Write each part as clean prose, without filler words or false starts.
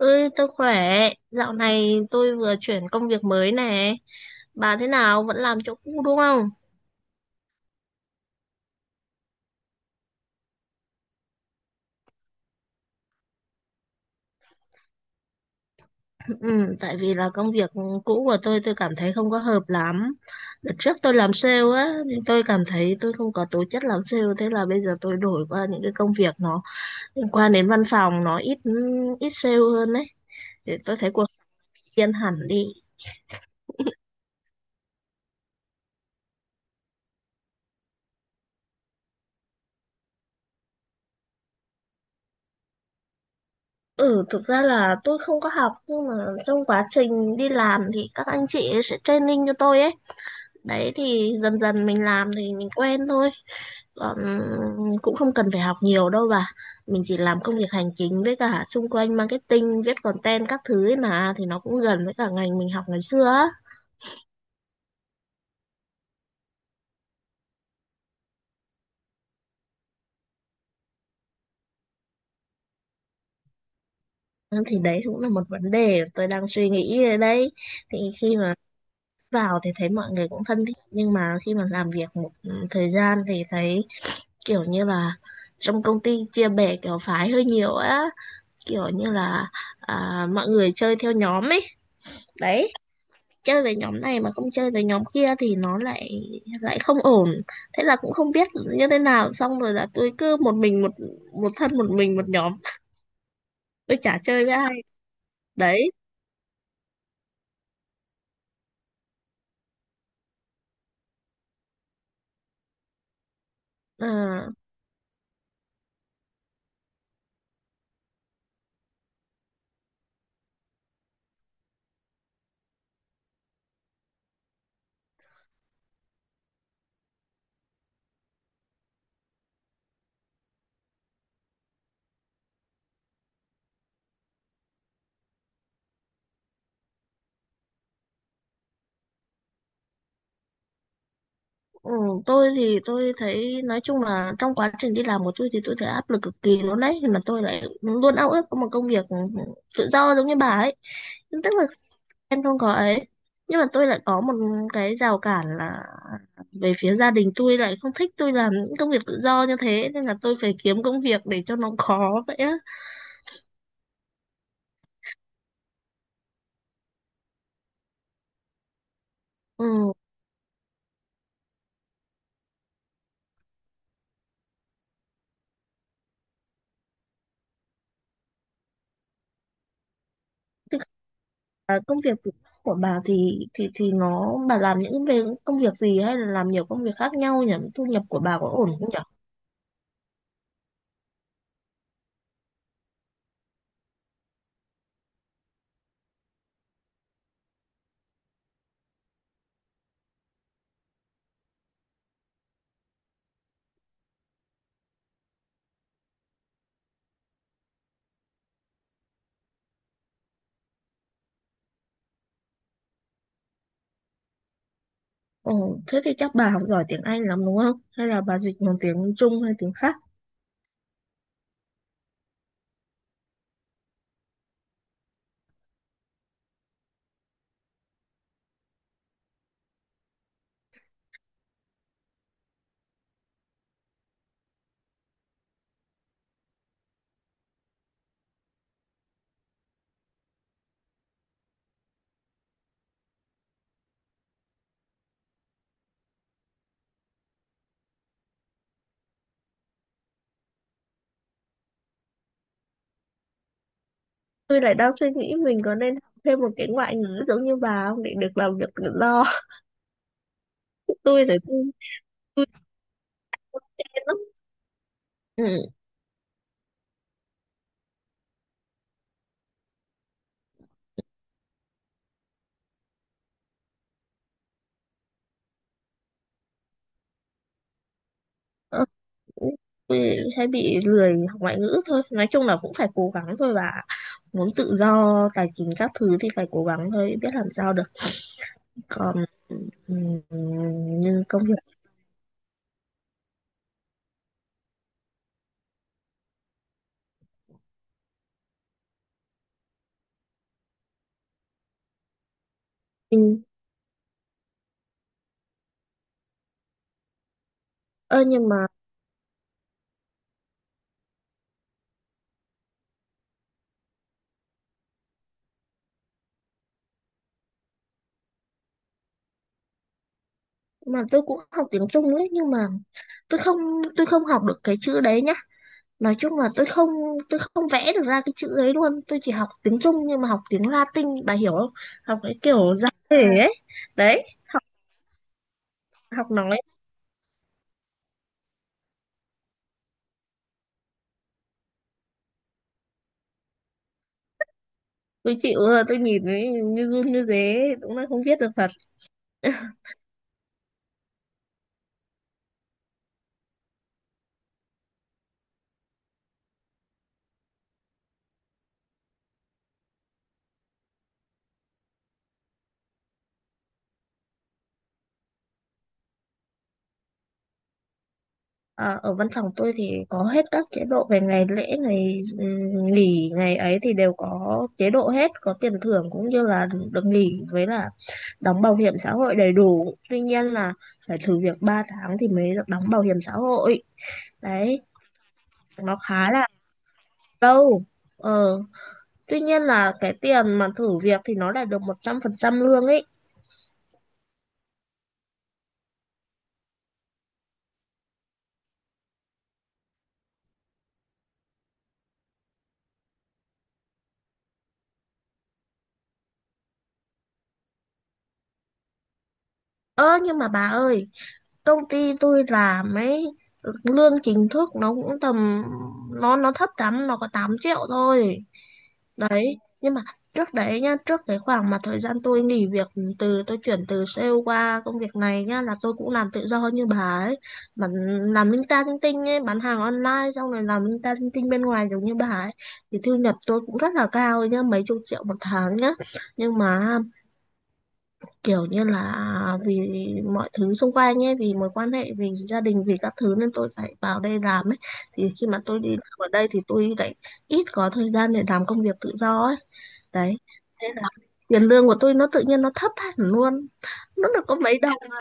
Ơi, tôi khỏe. Dạo này tôi vừa chuyển công việc mới nè. Bà thế nào? Vẫn làm chỗ cũ đúng không? Ừ, tại vì là công việc cũ của tôi cảm thấy không có hợp lắm. Đợt trước tôi làm sale á, thì tôi cảm thấy tôi không có tố chất làm sale. Thế là bây giờ tôi đổi qua những cái công việc nó liên quan đến văn phòng, nó ít ít sale hơn đấy. Để tôi thấy cuộc sống yên hẳn đi. Ừ, thực ra là tôi không có học nhưng mà trong quá trình đi làm thì các anh chị ấy sẽ training cho tôi ấy. Đấy thì dần dần mình làm thì mình quen thôi. Còn cũng không cần phải học nhiều đâu bà. Mình chỉ làm công việc hành chính với cả xung quanh marketing, viết content các thứ ấy mà thì nó cũng gần với cả ngành mình học ngày xưa á. Ừ, thì đấy cũng là một vấn đề tôi đang suy nghĩ ở đây. Thì khi mà vào thì thấy mọi người cũng thân thiện nhưng mà khi mà làm việc một thời gian thì thấy kiểu như là trong công ty chia bè kiểu phái hơi nhiều á, kiểu như là mọi người chơi theo nhóm ấy. Đấy, chơi về nhóm này mà không chơi về nhóm kia thì nó lại lại không ổn, thế là cũng không biết như thế nào, xong rồi là tôi cứ một mình một một thân một mình một nhóm, tôi chả chơi với ai đấy. Ờ, ừ, tôi thì tôi thấy nói chung là trong quá trình đi làm của tôi thì tôi thấy áp lực cực kỳ luôn đấy, mà tôi lại luôn ao ước có một công việc tự do giống như bà ấy, tức là em không có ấy, nhưng mà tôi lại có một cái rào cản là về phía gia đình tôi lại không thích tôi làm những công việc tự do như thế, nên là tôi phải kiếm công việc để cho nó khó vậy á. Ừ. Thế còn, công việc tự do của bà thì nó bà làm những về công việc gì hay là làm nhiều công việc khác nhau nhỉ, thu nhập của bà có ổn không nhỉ? Ừ. Thế thì chắc bà học giỏi tiếng Anh lắm đúng không, hay là bà dịch bằng tiếng Trung hay tiếng khác? Tôi lại đang suy nghĩ mình có nên học thêm một cái ngoại ngữ giống như bà không để được làm việc tự do. Tôi là tôi tôi chán lắm. Ừ. Ờ, tôi hay bị lười học ngoại ngữ thôi, nói chung là cũng phải cố gắng thôi, và muốn tự do tài chính các thứ thì phải cố gắng thôi, biết làm sao được. Còn ừ, nhưng công việc ừ. Ơ nhưng mà tôi cũng học tiếng Trung đấy, nhưng mà tôi không tôi không học được cái chữ đấy nhá, nói chung là tôi không vẽ được ra cái chữ đấy luôn, tôi chỉ học tiếng Trung nhưng mà học tiếng Latin bà hiểu không, học cái kiểu giải thể ấy, đấy học nói. Tôi chịu rồi, tôi nhìn ấy, như run như thế đúng là không viết được thật. À, ở văn phòng tôi thì có hết các chế độ về ngày lễ ngày nghỉ ngày ấy thì đều có chế độ hết, có tiền thưởng cũng như là được nghỉ, với là đóng bảo hiểm xã hội đầy đủ, tuy nhiên là phải thử việc 3 tháng thì mới được đóng bảo hiểm xã hội. Đấy, nó khá là lâu. Ờ, tuy nhiên là cái tiền mà thử việc thì nó lại được 100% lương ấy. Ơ nhưng mà bà ơi, công ty tôi làm ấy, lương chính thức nó cũng tầm, nó thấp lắm, nó có 8 triệu thôi đấy. Nhưng mà trước đấy nhá, trước cái khoảng mà thời gian tôi nghỉ việc, tôi chuyển từ sale qua công việc này nhá, là tôi cũng làm tự do như bà ấy, mà làm linh ta linh tinh ấy, bán hàng online xong rồi làm linh ta linh tinh bên ngoài giống như bà ấy, thì thu nhập tôi cũng rất là cao ấy nhá, mấy chục triệu một tháng nhá. Nhưng mà kiểu như là vì mọi thứ xung quanh ấy, vì mối quan hệ vì gia đình vì các thứ nên tôi phải vào đây làm ấy, thì khi mà tôi đi làm ở đây thì tôi lại ít có thời gian để làm công việc tự do ấy. Đấy, thế là tiền lương của tôi nó tự nhiên nó thấp hẳn luôn, nó được có mấy đồng à.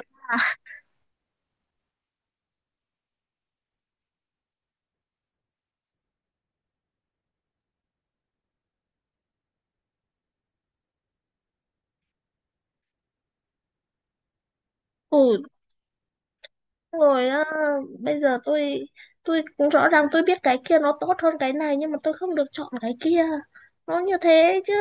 Ủi rồi á, bây giờ tôi cũng rõ ràng tôi biết cái kia nó tốt hơn cái này nhưng mà tôi không được chọn cái kia, nó như thế chứ.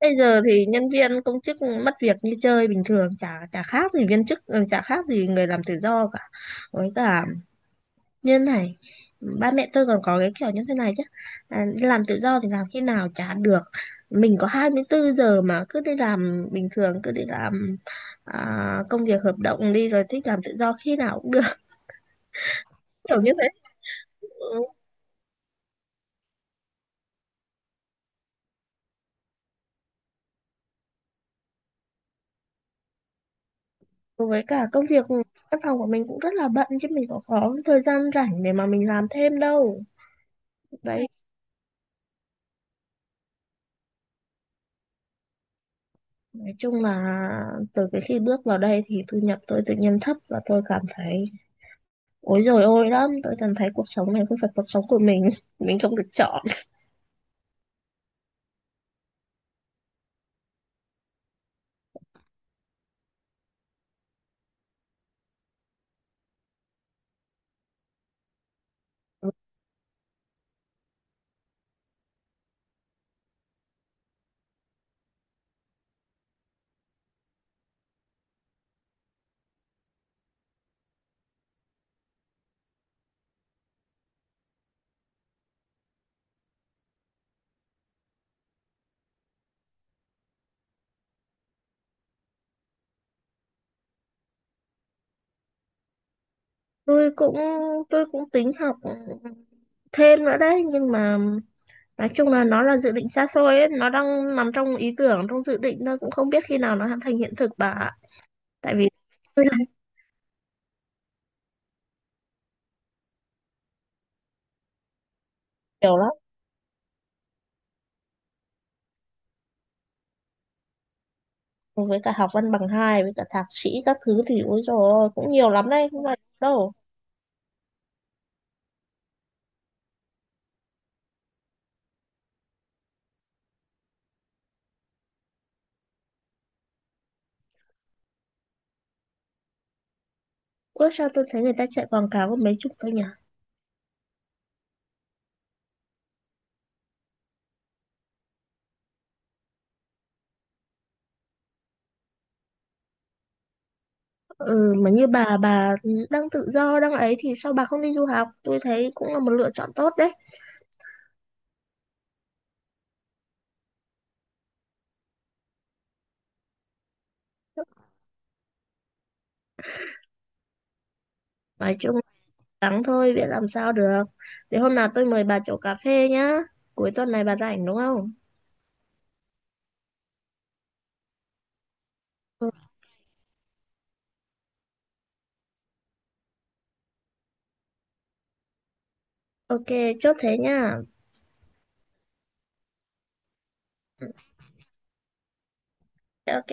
Bây giờ thì nhân viên công chức mất việc như chơi bình thường, chả chả khác gì viên chức, ừ, chả khác gì người làm tự do cả. Với cả như này, ba mẹ tôi còn có cái kiểu như thế này chứ, đi làm tự do thì làm khi nào chả được, mình có 24 giờ mà cứ đi làm bình thường, cứ đi làm, công việc hợp đồng đi rồi thích làm tự do khi nào cũng được. Kiểu như thế. Ừ, với cả công việc văn phòng của mình cũng rất là bận chứ mình có thời gian rảnh để mà mình làm thêm đâu. Ừ. Đấy. Nói chung là từ cái khi bước vào đây thì thu nhập tôi tự nhiên thấp, và tôi cảm thấy ối rồi ôi lắm, tôi cảm thấy cuộc sống này không phải cuộc sống của mình không được chọn. Tôi cũng tôi cũng tính học thêm nữa đấy, nhưng mà nói chung là nó là dự định xa xôi ấy, nó đang nằm trong ý tưởng, trong dự định thôi, cũng không biết khi nào nó thành hiện thực bà ạ. Tại vì tôi làm nhiều lắm, với cả học văn bằng hai với cả thạc sĩ các thứ thì ối rồi cũng nhiều lắm đấy, không phải đâu. Ủa sao tôi thấy người ta chạy quảng cáo có mấy chục thôi nhỉ? Ừ, mà như bà đang tự do, đang ấy thì sao bà không đi du học? Tôi thấy cũng là một lựa chọn tốt đấy. Nói chung gắng thôi, biết làm sao được. Để hôm nào tôi mời bà chỗ cà phê nhá. Cuối tuần này bà rảnh đúng không? Ừ, ok, chốt thế nhá. Ok.